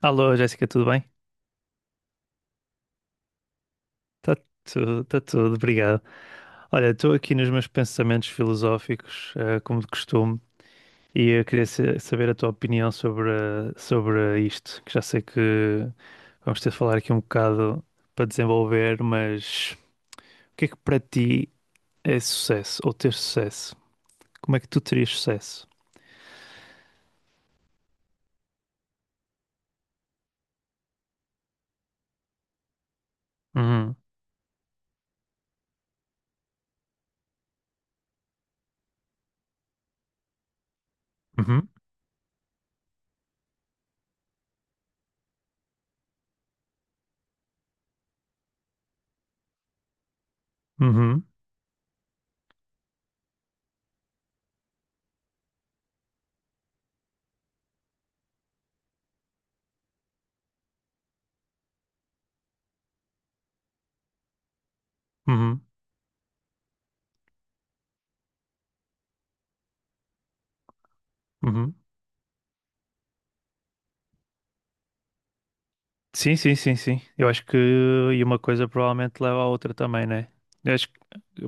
Alô, Jéssica, tudo bem? Tá tá tudo, obrigado. Olha, estou aqui nos meus pensamentos filosóficos, como de costume, e eu queria saber a tua opinião sobre isto, que já sei que vamos ter de falar aqui um bocado para desenvolver. Mas o que é que para ti é sucesso, ou ter sucesso? Como é que tu terias sucesso? Uhum, uhum, uhum, uhum, uhum. Sim, sim, sim, sim. Eu acho que e uma coisa provavelmente leva à outra também, né? Eu acho que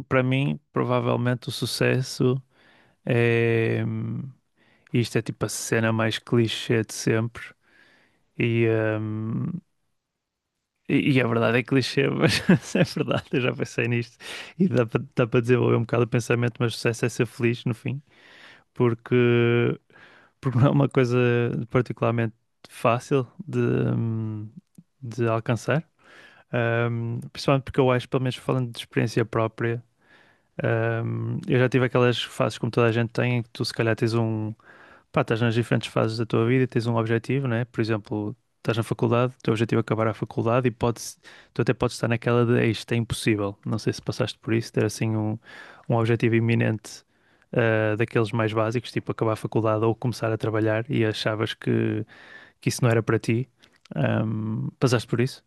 para mim, provavelmente o sucesso é isto é tipo a cena mais clichê de sempre. E, hum, e a verdade é clichê, mas é verdade, eu já pensei nisto. E dá para desenvolver um bocado o pensamento, mas o sucesso é ser feliz no fim, porque, porque não é uma coisa particularmente fácil de alcançar. Principalmente porque eu acho, pelo menos falando de experiência própria, eu já tive aquelas fases como toda a gente tem, em que tu se calhar tens um. Pá, estás nas diferentes fases da tua vida e tens um objetivo, né? Por exemplo, estás na faculdade, o teu objetivo é acabar a faculdade e podes, tu até podes estar naquela de "Ei, isto é impossível". Não sei se passaste por isso, ter assim um, um objetivo iminente daqueles mais básicos, tipo acabar a faculdade ou começar a trabalhar e achavas que isso não era para ti. Passaste por isso?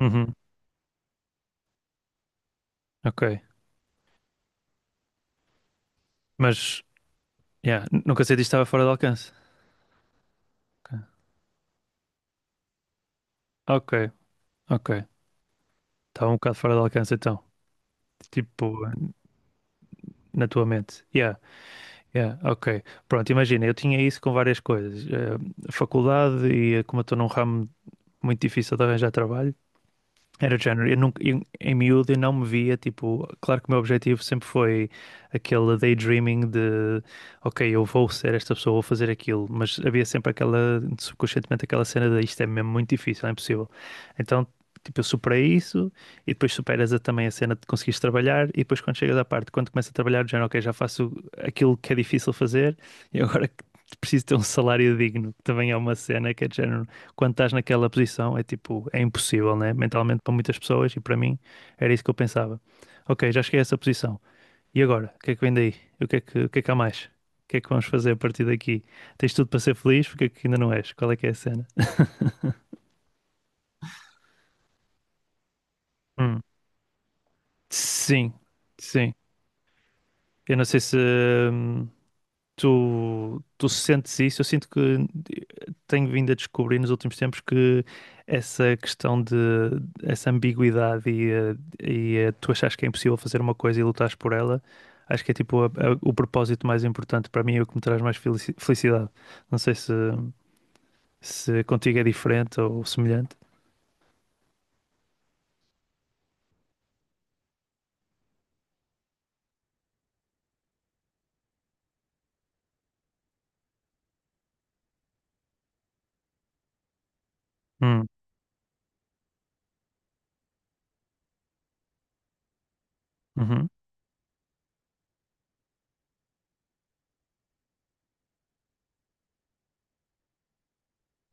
Uhum, ok. Mas yeah, nunca sei disto estava fora de alcance. Ok, ok. Ok. Estava um bocado fora de alcance então. Tipo, na tua mente. Yeah, yeah, ok. Pronto, imagina, eu tinha isso com várias coisas. Faculdade e como eu estou num ramo muito difícil de arranjar trabalho, era de género. Eu nunca, em miúdo eu não me via, tipo, claro que o meu objetivo sempre foi aquele daydreaming de, ok, eu vou ser esta pessoa, vou fazer aquilo, mas havia sempre aquela, subconscientemente aquela cena de isto é mesmo muito difícil, é impossível. Então, tipo, eu superei isso e depois superas também a cena de conseguires trabalhar e depois quando chegas à parte, quando começas a trabalhar, do género, ok, já faço aquilo que é difícil fazer e agora preciso ter um salário digno, que também é uma cena que é de género quando estás naquela posição, é tipo, é impossível, né? Mentalmente para muitas pessoas e para mim era isso que eu pensava. Ok, já cheguei a essa posição. E agora? O que é que vem daí? O que é que, o que é que há mais? O que é que vamos fazer a partir daqui? Tens tudo para ser feliz? Porque é que ainda não és? Qual é que é a cena? Hum. Sim, sim. Eu não sei se, hum, tu, tu sentes isso? Eu sinto que tenho vindo a descobrir nos últimos tempos que essa questão de essa ambiguidade e tu achas que é impossível fazer uma coisa e lutares por ela, acho que é tipo o propósito mais importante para mim e o que me traz mais felicidade. Não sei se, se contigo é diferente ou semelhante. Hum, uhum,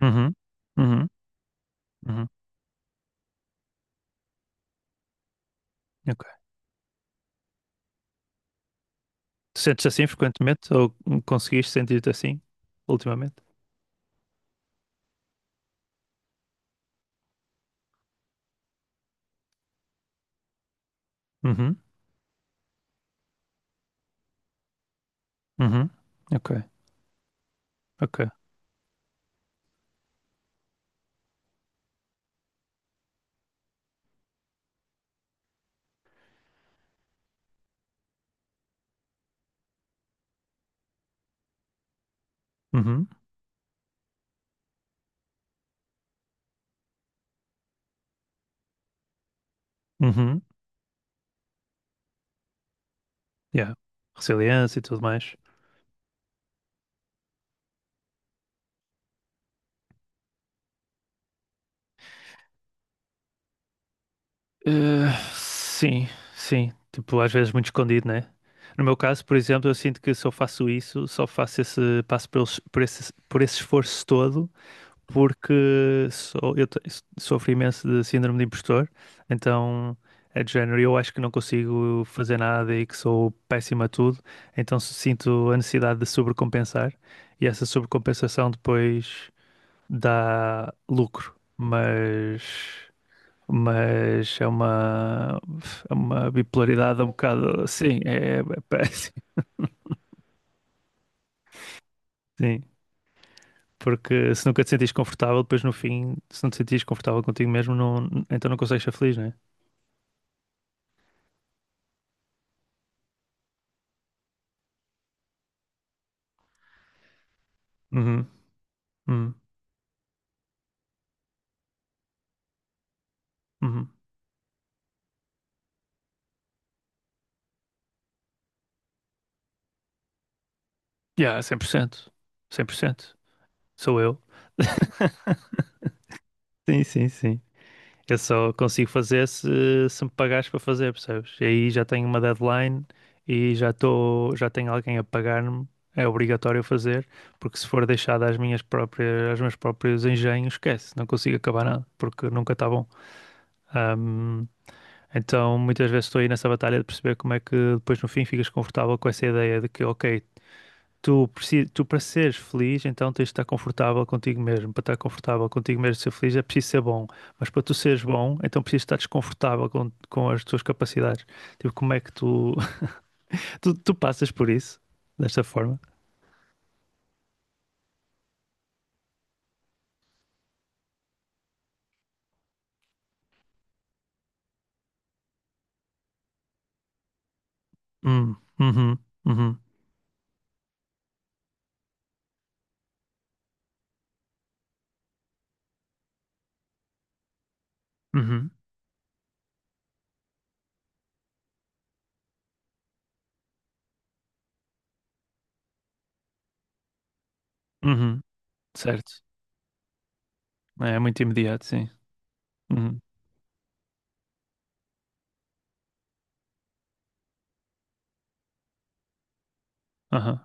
uhum, uhum, uhum, ok. Tu sentes assim frequentemente ou conseguiste sentir-te assim ultimamente? Uhum, uhum, ok. Ok. Uhum. Uhum. Yeah. Resiliência e tudo mais. Sim, sim. Tipo, às vezes muito escondido, né? No meu caso, por exemplo, eu sinto que se eu faço isso, só faço esse passo por esse esforço todo, porque sou, sofro imenso de síndrome de impostor, então é de género, eu acho que não consigo fazer nada e que sou péssimo a tudo, então sinto a necessidade de sobrecompensar, e essa sobrecompensação depois dá lucro, mas é uma bipolaridade um bocado assim, é péssimo. Sim, porque se nunca te sentires confortável, depois no fim, se não te sentires confortável contigo mesmo, não, então não consegues ser feliz, não é? Uhum, uhum, uhum. Yeah, 100% 100%. Sou eu. Sim, sim, sim. Eu só consigo fazer se, se me pagares para fazer, percebes? E aí já tenho uma deadline e já estou, já tenho alguém a pagar-me, é obrigatório fazer, porque se for deixado às minhas próprias, aos meus próprios engenhos, esquece, não consigo acabar nada, porque nunca está bom. Ahm, então muitas vezes estou aí nessa batalha de perceber como é que depois no fim ficas confortável com essa ideia de que, ok, tu para seres feliz, então tens de estar confortável contigo mesmo. Para estar confortável contigo mesmo, e ser feliz, é preciso ser bom. Mas para tu seres bom, então precisas estar desconfortável com, as tuas capacidades. Tipo, como é que tu, tu passas por isso desta forma? Uhum, uhum, uhum, uhum. Certo. É, muito imediato, sim. Uhum, aham,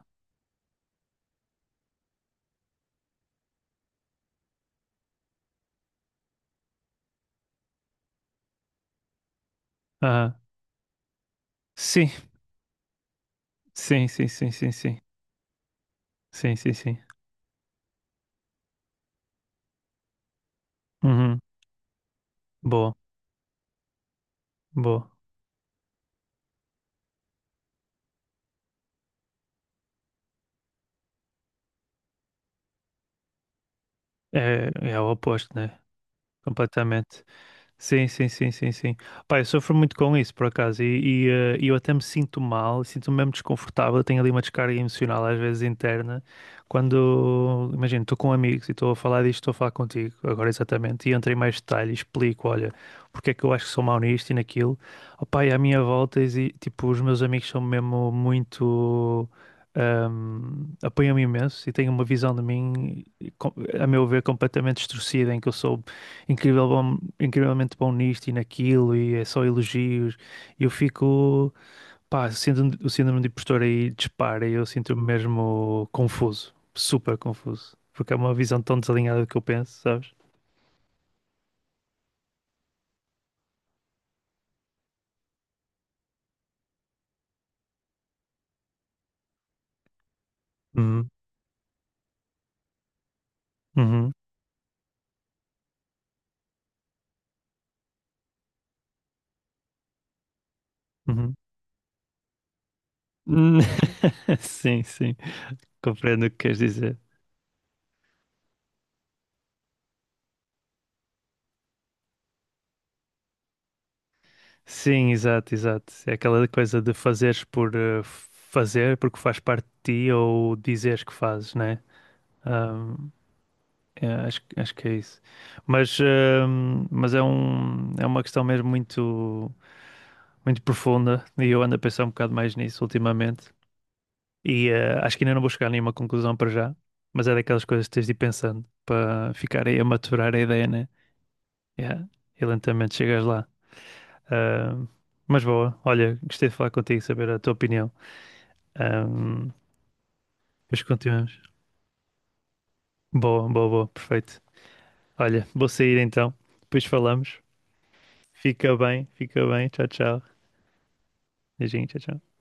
aham. Sim, sim, sim, sim, sim, sim. Sim, sim, sim. Uhum. Boa, boa. É, é o oposto, né? Completamente. Sim, sim, sim, sim, sim. Pá, eu sofro muito com isso, por acaso, e eu até me sinto mal, sinto-me mesmo desconfortável, tenho ali uma descarga emocional, às vezes interna, quando, imagino, estou com amigos e estou a falar disto, estou a falar contigo, agora exatamente, e entro em mais detalhe e explico, olha, porque é que eu acho que sou mau nisto e naquilo. Opá, e à minha volta, tipo, os meus amigos são mesmo muito... apoiam-me imenso e têm uma visão de mim, com- a meu ver, completamente distorcida, em que eu sou incrivelmente bom nisto e naquilo, e é só elogios. E eu fico, pá, sendo o síndrome de impostor aí dispara, e eu sinto-me mesmo confuso, super confuso, porque é uma visão tão desalinhada do que eu penso, sabes? Uhum, uhum, uhum. Hum. Sim, sim, compreendo o que queres dizer. Sim, exato, exato. É aquela coisa de fazeres por fazer, porque faz parte de ti, ou dizeres que fazes, né? É, acho, acho que é isso. Mas é um, é uma questão mesmo muito, muito profunda e eu ando a pensar um bocado mais nisso ultimamente. E acho que ainda não vou chegar a nenhuma conclusão para já, mas é daquelas coisas que tens de ir pensando para ficar aí a maturar a ideia, né? Yeah. E lentamente chegas lá. Ahm, mas boa, olha, gostei de falar contigo, saber a tua opinião. Ahm, depois continuamos. Boa, boa, boa, perfeito. Olha, vou sair então, depois falamos. Fica bem, fica bem. Tchau, tchau. Beijinho, tchau, tchau.